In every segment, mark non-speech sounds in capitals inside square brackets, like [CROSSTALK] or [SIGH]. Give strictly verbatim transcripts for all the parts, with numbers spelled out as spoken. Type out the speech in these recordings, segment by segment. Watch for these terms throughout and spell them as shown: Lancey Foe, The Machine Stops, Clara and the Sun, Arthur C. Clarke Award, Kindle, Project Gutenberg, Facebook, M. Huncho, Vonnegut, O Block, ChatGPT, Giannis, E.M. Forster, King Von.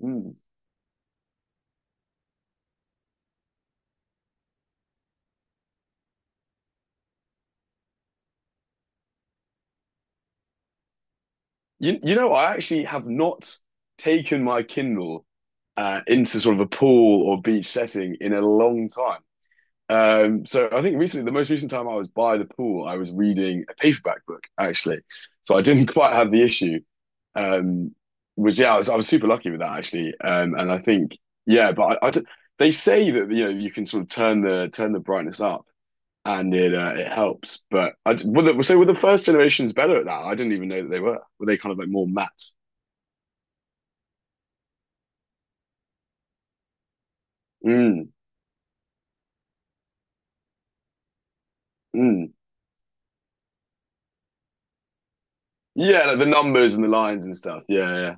Mm. You you know, I actually have not taken my Kindle uh, into sort of a pool or beach setting in a long time. Um, so I think recently, the most recent time I was by the pool, I was reading a paperback book actually. So I didn't [LAUGHS] quite have the issue. Um, was yeah, I was I was super lucky with that actually. Um, and I think yeah, but I, I d- they say that you know you can sort of turn the turn the brightness up. And it uh, it helps. But I. were the, so were the first generations better at that? I didn't even know that they were. Were they kind of like more math? Mm, mm. Yeah, like the numbers and the lines and stuff. Yeah,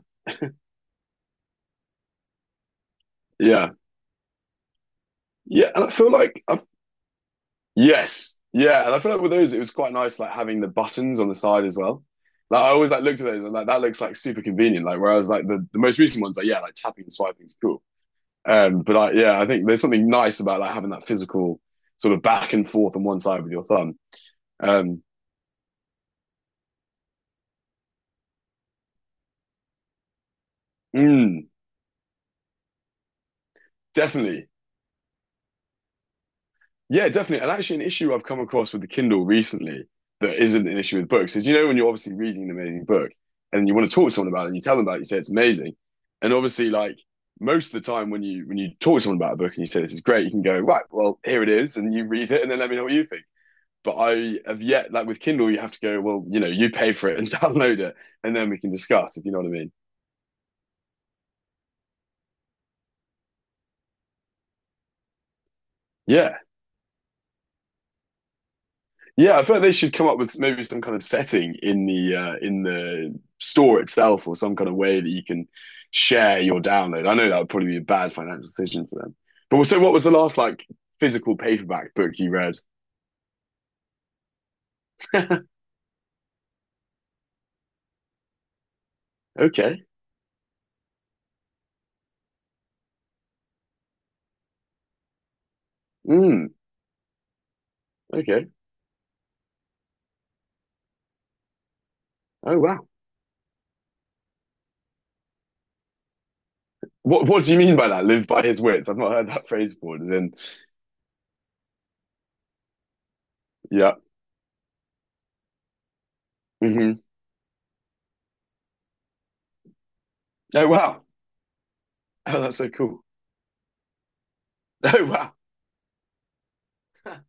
yeah, yeah, yeah. And I feel like I've, yes, yeah. And I feel like with those, it was quite nice, like having the buttons on the side as well. Like I always like looked at those and like that looks like super convenient. Like whereas like the, the most recent ones, like yeah, like tapping and swiping is cool. Um, but I yeah, I think there's something nice about like having that physical sort of back and forth on one side with your thumb. Um, mm. Definitely. Yeah, definitely. And actually, an issue I've come across with the Kindle recently that isn't an issue with books is you know, when you're obviously reading an amazing book and you want to talk to someone about it and you tell them about it, you say it's amazing. And obviously, like most of the time when you when you talk to someone about a book and you say this is great, you can go, right, well, here it is, and you read it and then let me know what you think. But I have yet, like with Kindle, you have to go, well, you know, you pay for it and [LAUGHS] download it, and then we can discuss, if you know what I mean. Yeah. Yeah, I feel like they should come up with maybe some kind of setting in the uh, in the store itself, or some kind of way that you can share your download. I know that would probably be a bad financial decision for them. But so, what was the last like physical paperback book you read? [LAUGHS] Okay. Mm, okay. Oh wow. What what do you mean by that? Live by his wits. I've not heard that phrase before. As in, yeah. Hmm. Oh wow. [LAUGHS] Oh, that's so cool. [LAUGHS] Oh wow. [LAUGHS] That's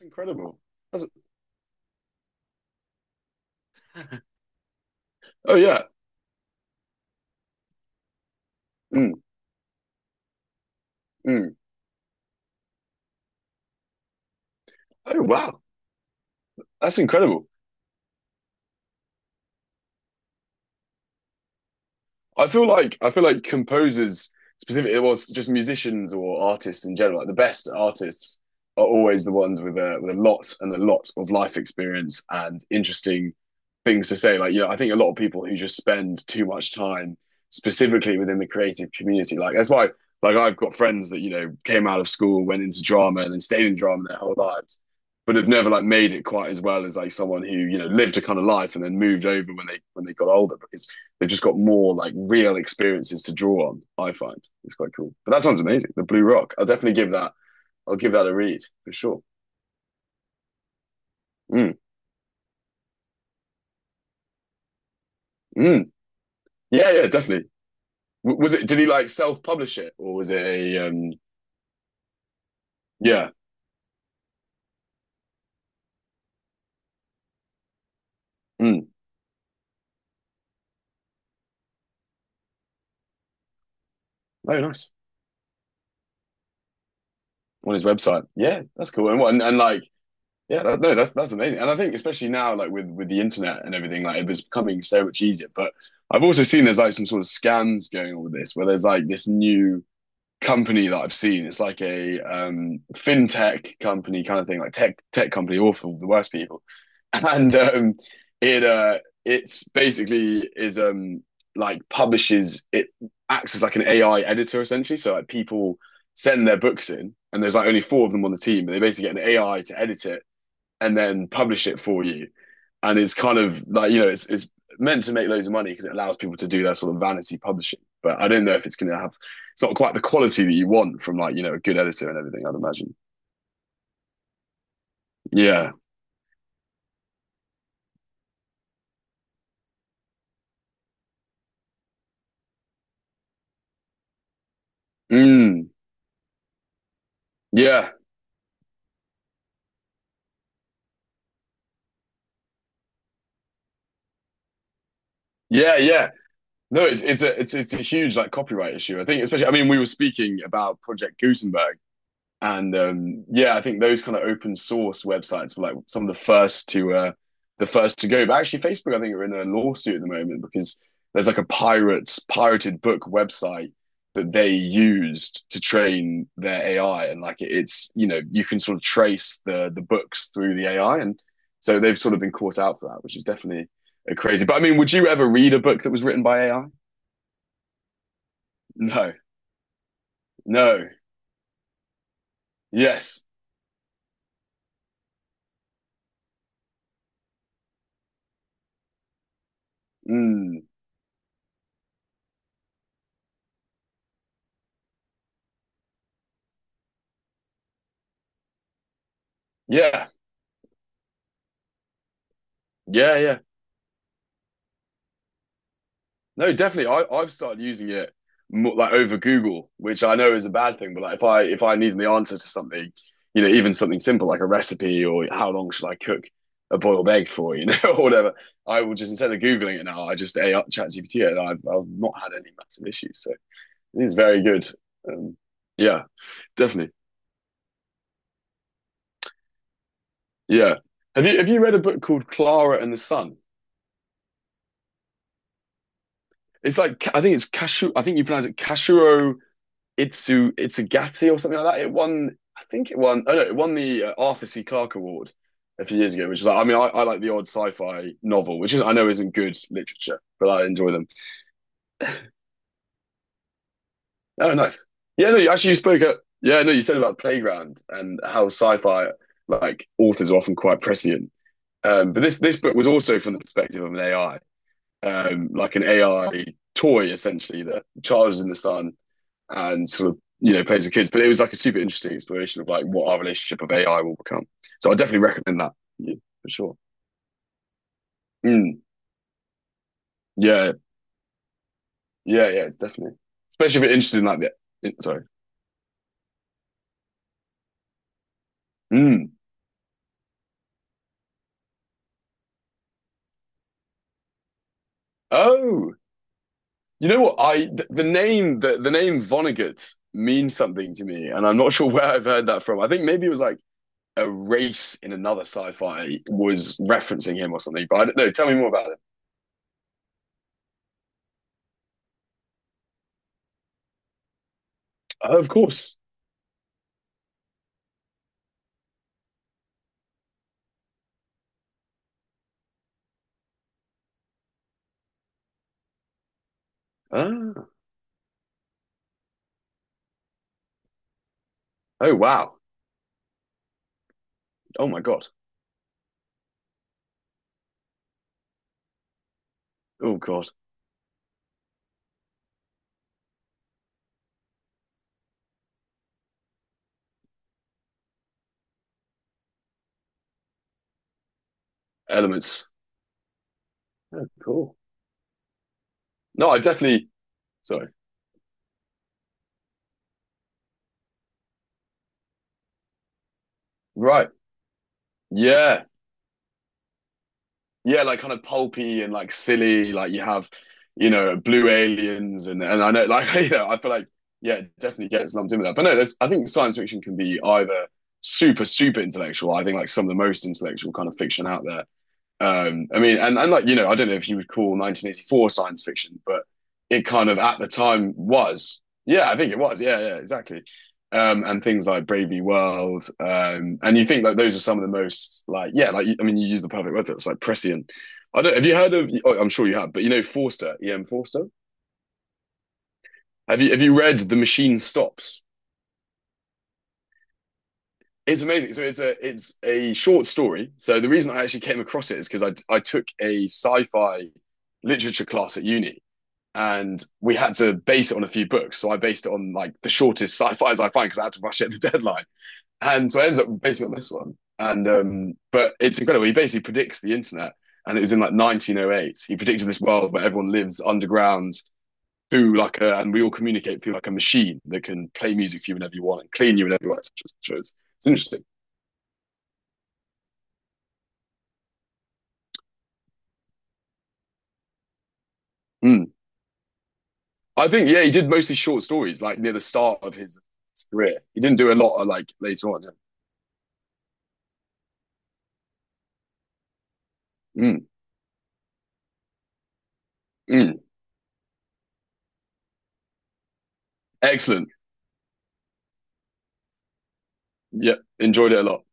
incredible. That's, oh yeah. Mm, mm. Oh wow. That's incredible. I feel like I feel like composers specifically, well, s- just musicians or artists in general, like the best artists are always the ones with a with a lot and a lot of life experience and interesting things to say. Like, you know, I think a lot of people who just spend too much time specifically within the creative community, like that's why, like I've got friends that, you know, came out of school, went into drama and then stayed in drama their whole lives, but have never like made it quite as well as like someone who, you know, lived a kind of life and then moved over when they when they got older because they've just got more like real experiences to draw on. I find it's quite cool. But that sounds amazing. The Blue Rock. I'll definitely give that. I'll give that a read for sure. Mm, mm. Yeah, yeah, definitely. W- was it? Did he like self-publish it, or was it a? Um, yeah. Mm. Oh, nice on his website. Yeah, that's cool. And what? And, and like, yeah, that, no, that's that's amazing. And I think especially now, like with with the internet and everything, like it was becoming so much easier. But I've also seen there's like some sort of scams going on with this, where there's like this new company that I've seen. It's like a um, fintech company kind of thing, like tech tech company, awful, the worst people. [LAUGHS] And um, it uh, it's basically is um, like publishes it acts as like an A I editor essentially. So like people send their books in, and there's like only four of them on the team, but they basically get an A I to edit it and then publish it for you. And it's kind of like you know it's it's meant to make loads of money because it allows people to do their sort of vanity publishing. But I don't know if it's going to have it's not quite the quality that you want from like you know a good editor and everything. I'd imagine. Yeah. Mm. Yeah. Yeah. Yeah. No, it's it's a it's it's a huge like copyright issue. I think especially. I mean, we were speaking about Project Gutenberg. And um, yeah, I think those kind of open source websites were like some of the first to uh, the first to go. But actually, Facebook, I think, are in a lawsuit at the moment because there's like a pirate pirated book website that they used to train their A I, and like it's you know you can sort of trace the the books through the A I, and so they've sort of been caught out for that, which is definitely uh, crazy. But I mean, would you ever read a book that was written by A I? No, no, yes, mm, yeah, yeah, yeah. No, definitely. I, I've started using it more, like over Google, which I know is a bad thing, but like if I if I need the answer to something, you know, even something simple like a recipe or how long should I cook a boiled egg for, you know, [LAUGHS] or whatever, I will just instead of Googling it now, I just A I ChatGPT it and I've I've not had any massive issues. So it is very good. Um, yeah, definitely. Yeah. Have you have you read a book called Clara and the Sun? It's like I think it's Kashu I think you pronounce it Kashuro Itsu Itsugati or something like that. It won, I think it won. oh no, it won the uh, Arthur C. Clarke Award a few years ago, which is like, I mean, I, I like the odd sci-fi novel, which is I know isn't good literature, but I enjoy them. Oh, nice. Yeah, no, you, actually, you spoke at yeah, no, you said about Playground and how sci-fi like authors are often quite prescient. Um, but this this book was also from the perspective of an A I, um, like an A I toy essentially that charges in the sun and sort of you know plays with kids. But it was like a super interesting exploration of like what our relationship of A I will become. So I definitely recommend that yeah, for sure. Mm, yeah, yeah, yeah, definitely. Especially if you're interested in like the in- sorry. Mm. Oh, you know what? I th- the name the, the name Vonnegut means something to me, and I'm not sure [LAUGHS] where I've heard that from. I think maybe it was like a race in another sci-fi was referencing him or something. But I don't know. Tell me more about it. Oh, of course. Ah. Oh wow. Oh my God. Oh God. Elements. Oh, cool. No, I definitely. Sorry. Right. Yeah. Yeah. Like kind of pulpy and like silly. Like you have, you know, Blue Aliens and and I know [LAUGHS] like you know I feel like yeah it definitely gets lumped in with that. But no, there's I think science fiction can be either super super intellectual. I think like some of the most intellectual kind of fiction out there. Um, I mean, and, and like, you know, I don't know if you would call nineteen eighty-four science fiction, but it kind of at the time was. Yeah, I think it was. Yeah, yeah, exactly. Um, and things like Brave New World. Um, and you think like those are some of the most like, yeah, like, I mean, you use the perfect word for it. It's like prescient. I don't, have you heard of, oh, I'm sure you have, but you know, Forster, E M. Forster. Have you, have you read The Machine Stops? It's amazing. So it's a it's a short story. So the reason I actually came across it is because I I took a sci-fi literature class at uni, and we had to base it on a few books. So I based it on like the shortest sci-fis I find because I had to rush it at the [LAUGHS] deadline. And so I ended up basing it on this one. And um, but it's incredible. He basically predicts the internet, and it was in like nineteen oh eight. He predicted this world where everyone lives underground through like a, and we all communicate through like a machine that can play music for you whenever you want and clean you whenever you want, et cetera et cetera. It's, it's interesting. Mm. I think yeah, he did mostly short stories like near the start of his, his career. He didn't do a lot of like later on. Yeah. Mm, mm. Excellent. Yeah, enjoyed it a lot.